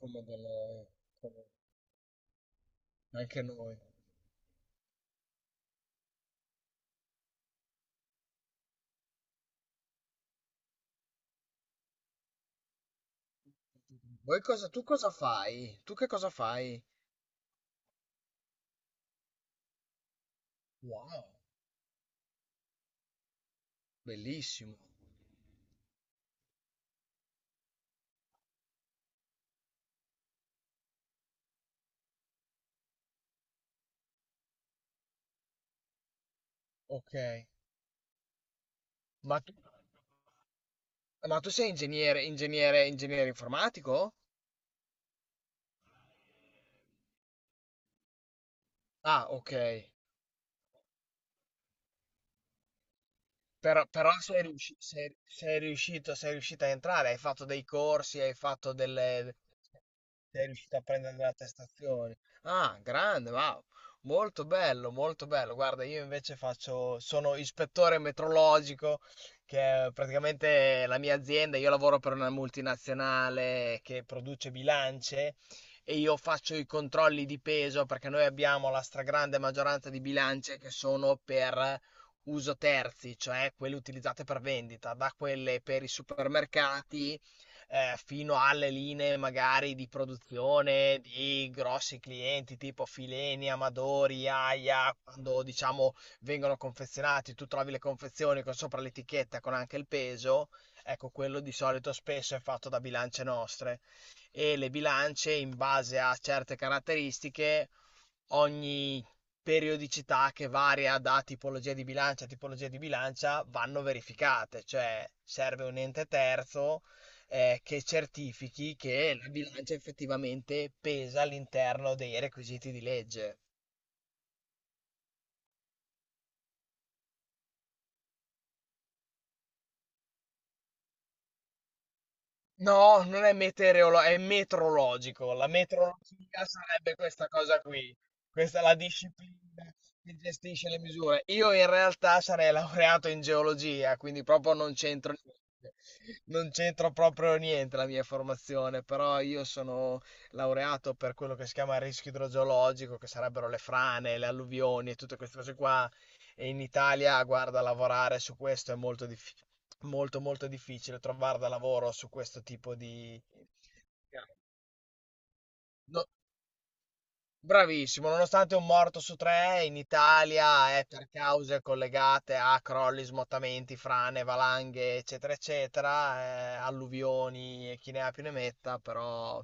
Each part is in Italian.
Come delle, come anche noi. Voi cosa, tu cosa fai? Tu che cosa fai? Wow, bellissimo. Ok. Ma tu, ma tu sei ingegnere, ingegnere, ingegnere informatico? Ah, ok. Però, però sei riuscito, sei riuscito a entrare, hai fatto dei corsi, hai fatto delle... Sei riuscito a prendere la attestazione. Ah, grande, wow. Molto bello, molto bello. Guarda, io invece faccio, sono ispettore metrologico, che è praticamente la mia azienda. Io lavoro per una multinazionale che produce bilance e io faccio i controlli di peso perché noi abbiamo la stragrande maggioranza di bilance che sono per uso terzi, cioè quelle utilizzate per vendita, da quelle per i supermercati fino alle linee magari di produzione di grossi clienti tipo Fileni, Amadori, Aia, quando diciamo vengono confezionati, tu trovi le confezioni con sopra l'etichetta con anche il peso, ecco quello di solito spesso è fatto da bilance nostre e le bilance in base a certe caratteristiche ogni periodicità che varia da tipologia di bilancia a tipologia di bilancia vanno verificate, cioè serve un ente terzo che certifichi che la bilancia effettivamente pesa all'interno dei requisiti di legge. No, non è meteorologico, è metrologico. La metrologia sarebbe questa cosa qui. Questa è la disciplina che gestisce le misure. Io in realtà sarei laureato in geologia, quindi proprio non c'entro niente. Non c'entro proprio niente la mia formazione, però io sono laureato per quello che si chiama rischio idrogeologico, che sarebbero le frane, le alluvioni e tutte queste cose qua. E in Italia, guarda, lavorare su questo è molto, molto, molto difficile, trovare da lavoro su questo tipo di... No- Bravissimo, nonostante un morto su tre in Italia è per cause collegate a crolli, smottamenti, frane, valanghe, eccetera, eccetera, alluvioni e chi ne ha più ne metta, però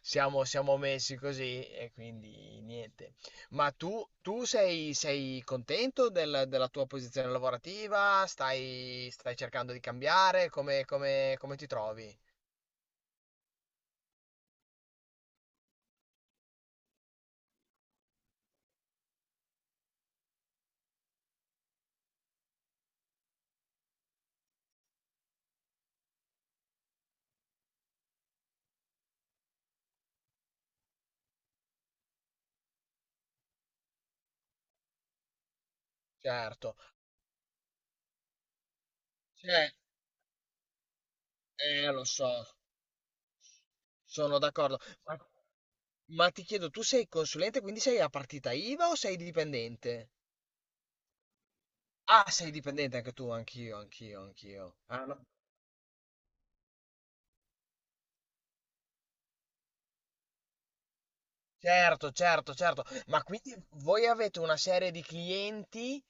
siamo messi così e quindi niente. Ma tu sei, sei contento della tua posizione lavorativa? Stai, stai cercando di cambiare? Come ti trovi? Certo, cioè, lo so, sono d'accordo. Ma ti chiedo, tu sei consulente, quindi sei a partita IVA o sei dipendente? Ah, sei dipendente anche tu, anch'io. Ah, no. Certo. Ma quindi voi avete una serie di clienti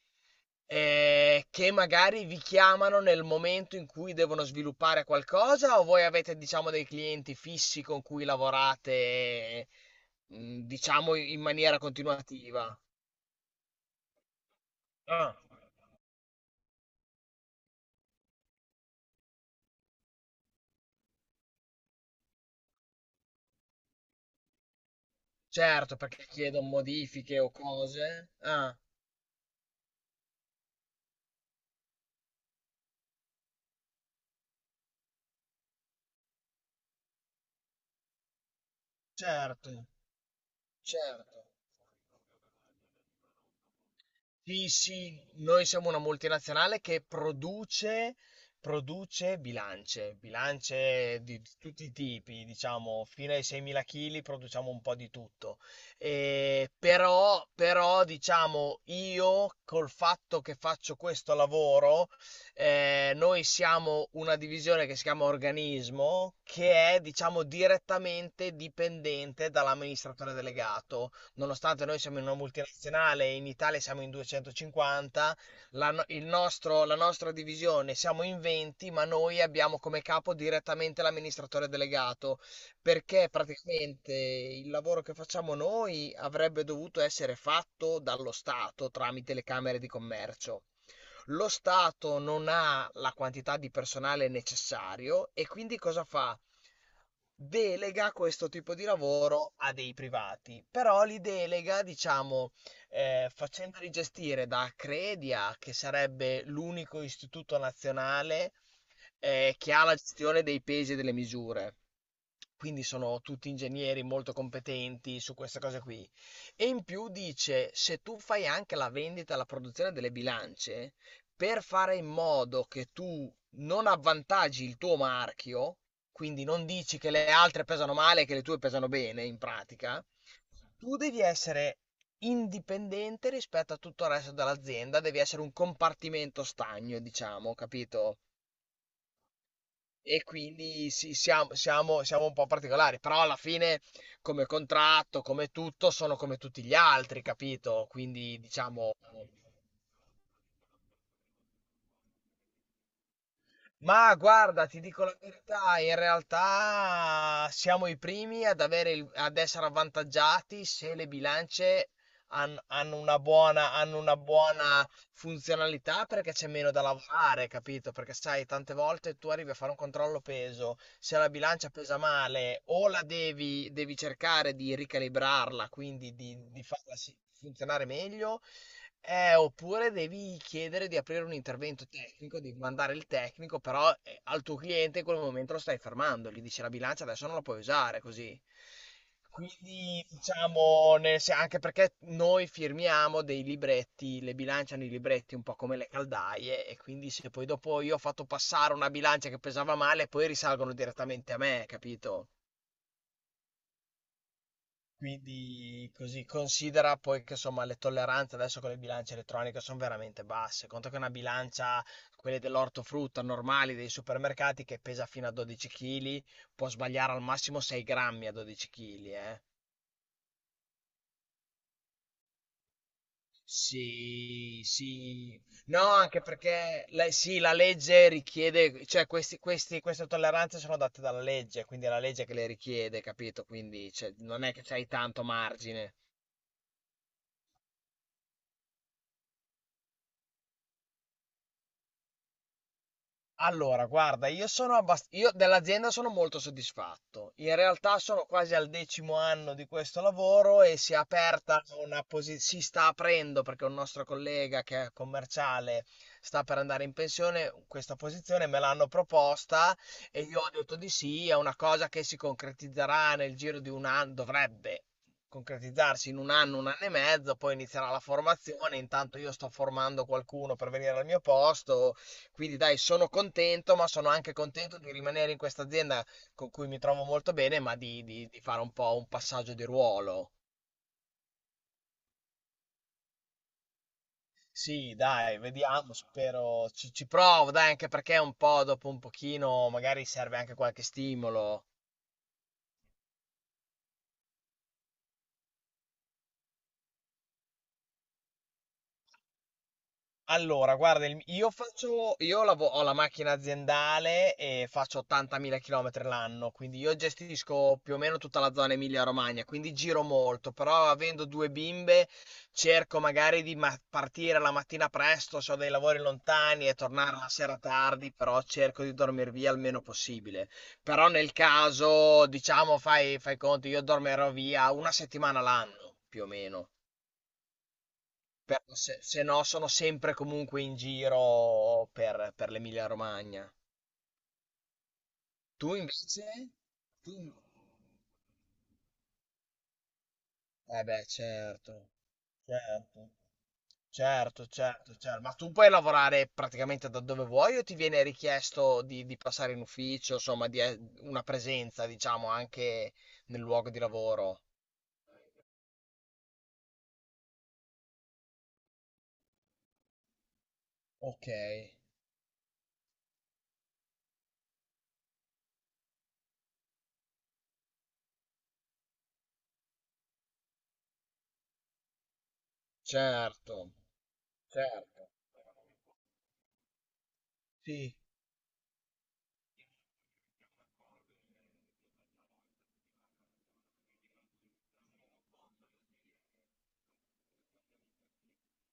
che magari vi chiamano nel momento in cui devono sviluppare qualcosa o voi avete, diciamo, dei clienti fissi con cui lavorate, diciamo, in maniera continuativa? Ah. Certo, perché chiedono modifiche o cose. Ah. certo certo. Sì, sì, noi siamo una multinazionale che produce, produce bilance, bilance di tutti i tipi, diciamo, fino ai 6.000 kg produciamo un po' di tutto. E diciamo, io col fatto che faccio questo lavoro, noi siamo una divisione che si chiama Organismo, che è, diciamo, direttamente dipendente dall'amministratore delegato nonostante noi siamo in una multinazionale e in Italia siamo in 250, la, no- il nostro- la nostra divisione siamo in 20, ma noi abbiamo come capo direttamente l'amministratore delegato, perché praticamente il lavoro che facciamo noi avrebbe dovuto essere fatto dallo Stato tramite le camere di commercio. Lo Stato non ha la quantità di personale necessario e quindi cosa fa? Delega questo tipo di lavoro a dei privati, però li delega, diciamo, facendoli gestire da Credia, che sarebbe l'unico istituto nazionale che ha la gestione dei pesi e delle misure. Quindi sono tutti ingegneri molto competenti su queste cose qui. E in più dice, se tu fai anche la vendita e la produzione delle bilance, per fare in modo che tu non avvantaggi il tuo marchio, quindi non dici che le altre pesano male e che le tue pesano bene, in pratica, tu devi essere indipendente rispetto a tutto il resto dell'azienda, devi essere un compartimento stagno, diciamo, capito? E quindi sì, siamo un po' particolari, però alla fine come contratto, come tutto, sono come tutti gli altri, capito? Quindi diciamo... Ma guarda, ti dico la verità, in realtà siamo i primi ad avere ad essere avvantaggiati se le bilance hanno una buona funzionalità perché c'è meno da lavorare, capito? Perché sai, tante volte tu arrivi a fare un controllo peso, se la bilancia pesa male o la devi, devi cercare di ricalibrarla, quindi di farla funzionare meglio oppure devi chiedere di aprire un intervento tecnico, di mandare il tecnico, però al tuo cliente in quel momento lo stai fermando, gli dici la bilancia adesso non la puoi usare così. Quindi diciamo, anche perché noi firmiamo dei libretti, le bilance hanno i libretti un po' come le caldaie e quindi se poi dopo io ho fatto passare una bilancia che pesava male, poi risalgono direttamente a me, capito? Quindi così considera poi che insomma le tolleranze adesso con le bilance elettroniche sono veramente basse. Conto che una bilancia, quelle dell'ortofrutta normali dei supermercati che pesa fino a 12 kg, può sbagliare al massimo 6 grammi a 12 kg, eh. Sì, sì. No, anche perché la, sì, la legge richiede, cioè queste tolleranze sono date dalla legge, quindi è la legge che le richiede, capito? Quindi cioè, non è che c'hai tanto margine. Allora, guarda, io dell'azienda sono molto soddisfatto. In realtà sono quasi al decimo anno di questo lavoro e si è aperta una posizione, si sta aprendo perché un nostro collega che è commerciale sta per andare in pensione, questa posizione me l'hanno proposta e io ho detto di sì, è una cosa che si concretizzerà nel giro di un anno, dovrebbe concretizzarsi in un anno e mezzo, poi inizierà la formazione, intanto io sto formando qualcuno per venire al mio posto quindi dai, sono contento, ma sono anche contento di rimanere in questa azienda con cui mi trovo molto bene, ma di fare un po' un passaggio di ruolo. Sì, dai, vediamo, spero. Ci provo, dai, anche perché un po' dopo un pochino magari serve anche qualche stimolo. Allora, guarda, il- io faccio, io lavo- ho la macchina aziendale e faccio 80.000 km l'anno, quindi io gestisco più o meno tutta la zona Emilia-Romagna, quindi giro molto, però avendo due bimbe cerco magari di partire la mattina presto se ho dei lavori lontani e tornare la sera tardi, però cerco di dormire via il meno possibile. Però nel caso, diciamo, fai conto, io dormirò via una settimana l'anno, più o meno. Però se, se no sono sempre comunque in giro per l'Emilia Romagna. Tu invece? Tu... no. Eh beh, certo, certo. Ma tu puoi lavorare praticamente da dove vuoi o ti viene richiesto di passare in ufficio, insomma, di una presenza, diciamo, anche nel luogo di lavoro? Ok, certo, certo. Sì.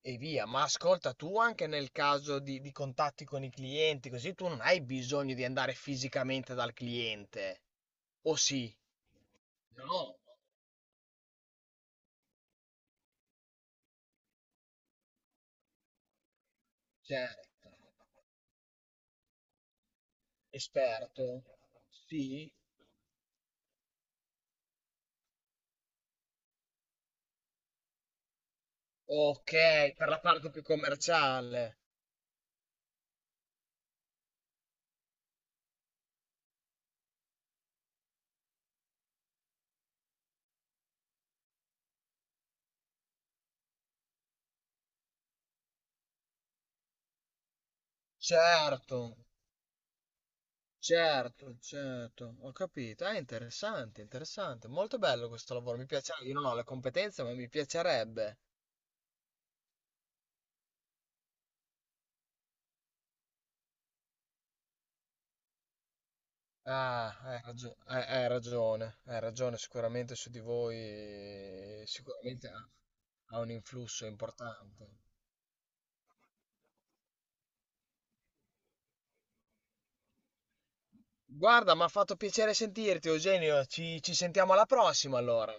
E via, ma ascolta tu anche nel caso di contatti con i clienti, così tu non hai bisogno di andare fisicamente dal cliente, o sì? No, certo. Esperto? Sì. Ok, per la parte più commerciale. Certo, certo. Ho capito. È interessante, interessante. Molto bello questo lavoro. Mi piacerebbe. Io non ho le competenze, ma mi piacerebbe. Ah, hai ragione, sicuramente su di voi, sicuramente ha un influsso importante. Guarda, mi ha fatto piacere sentirti, Eugenio, ci sentiamo alla prossima allora.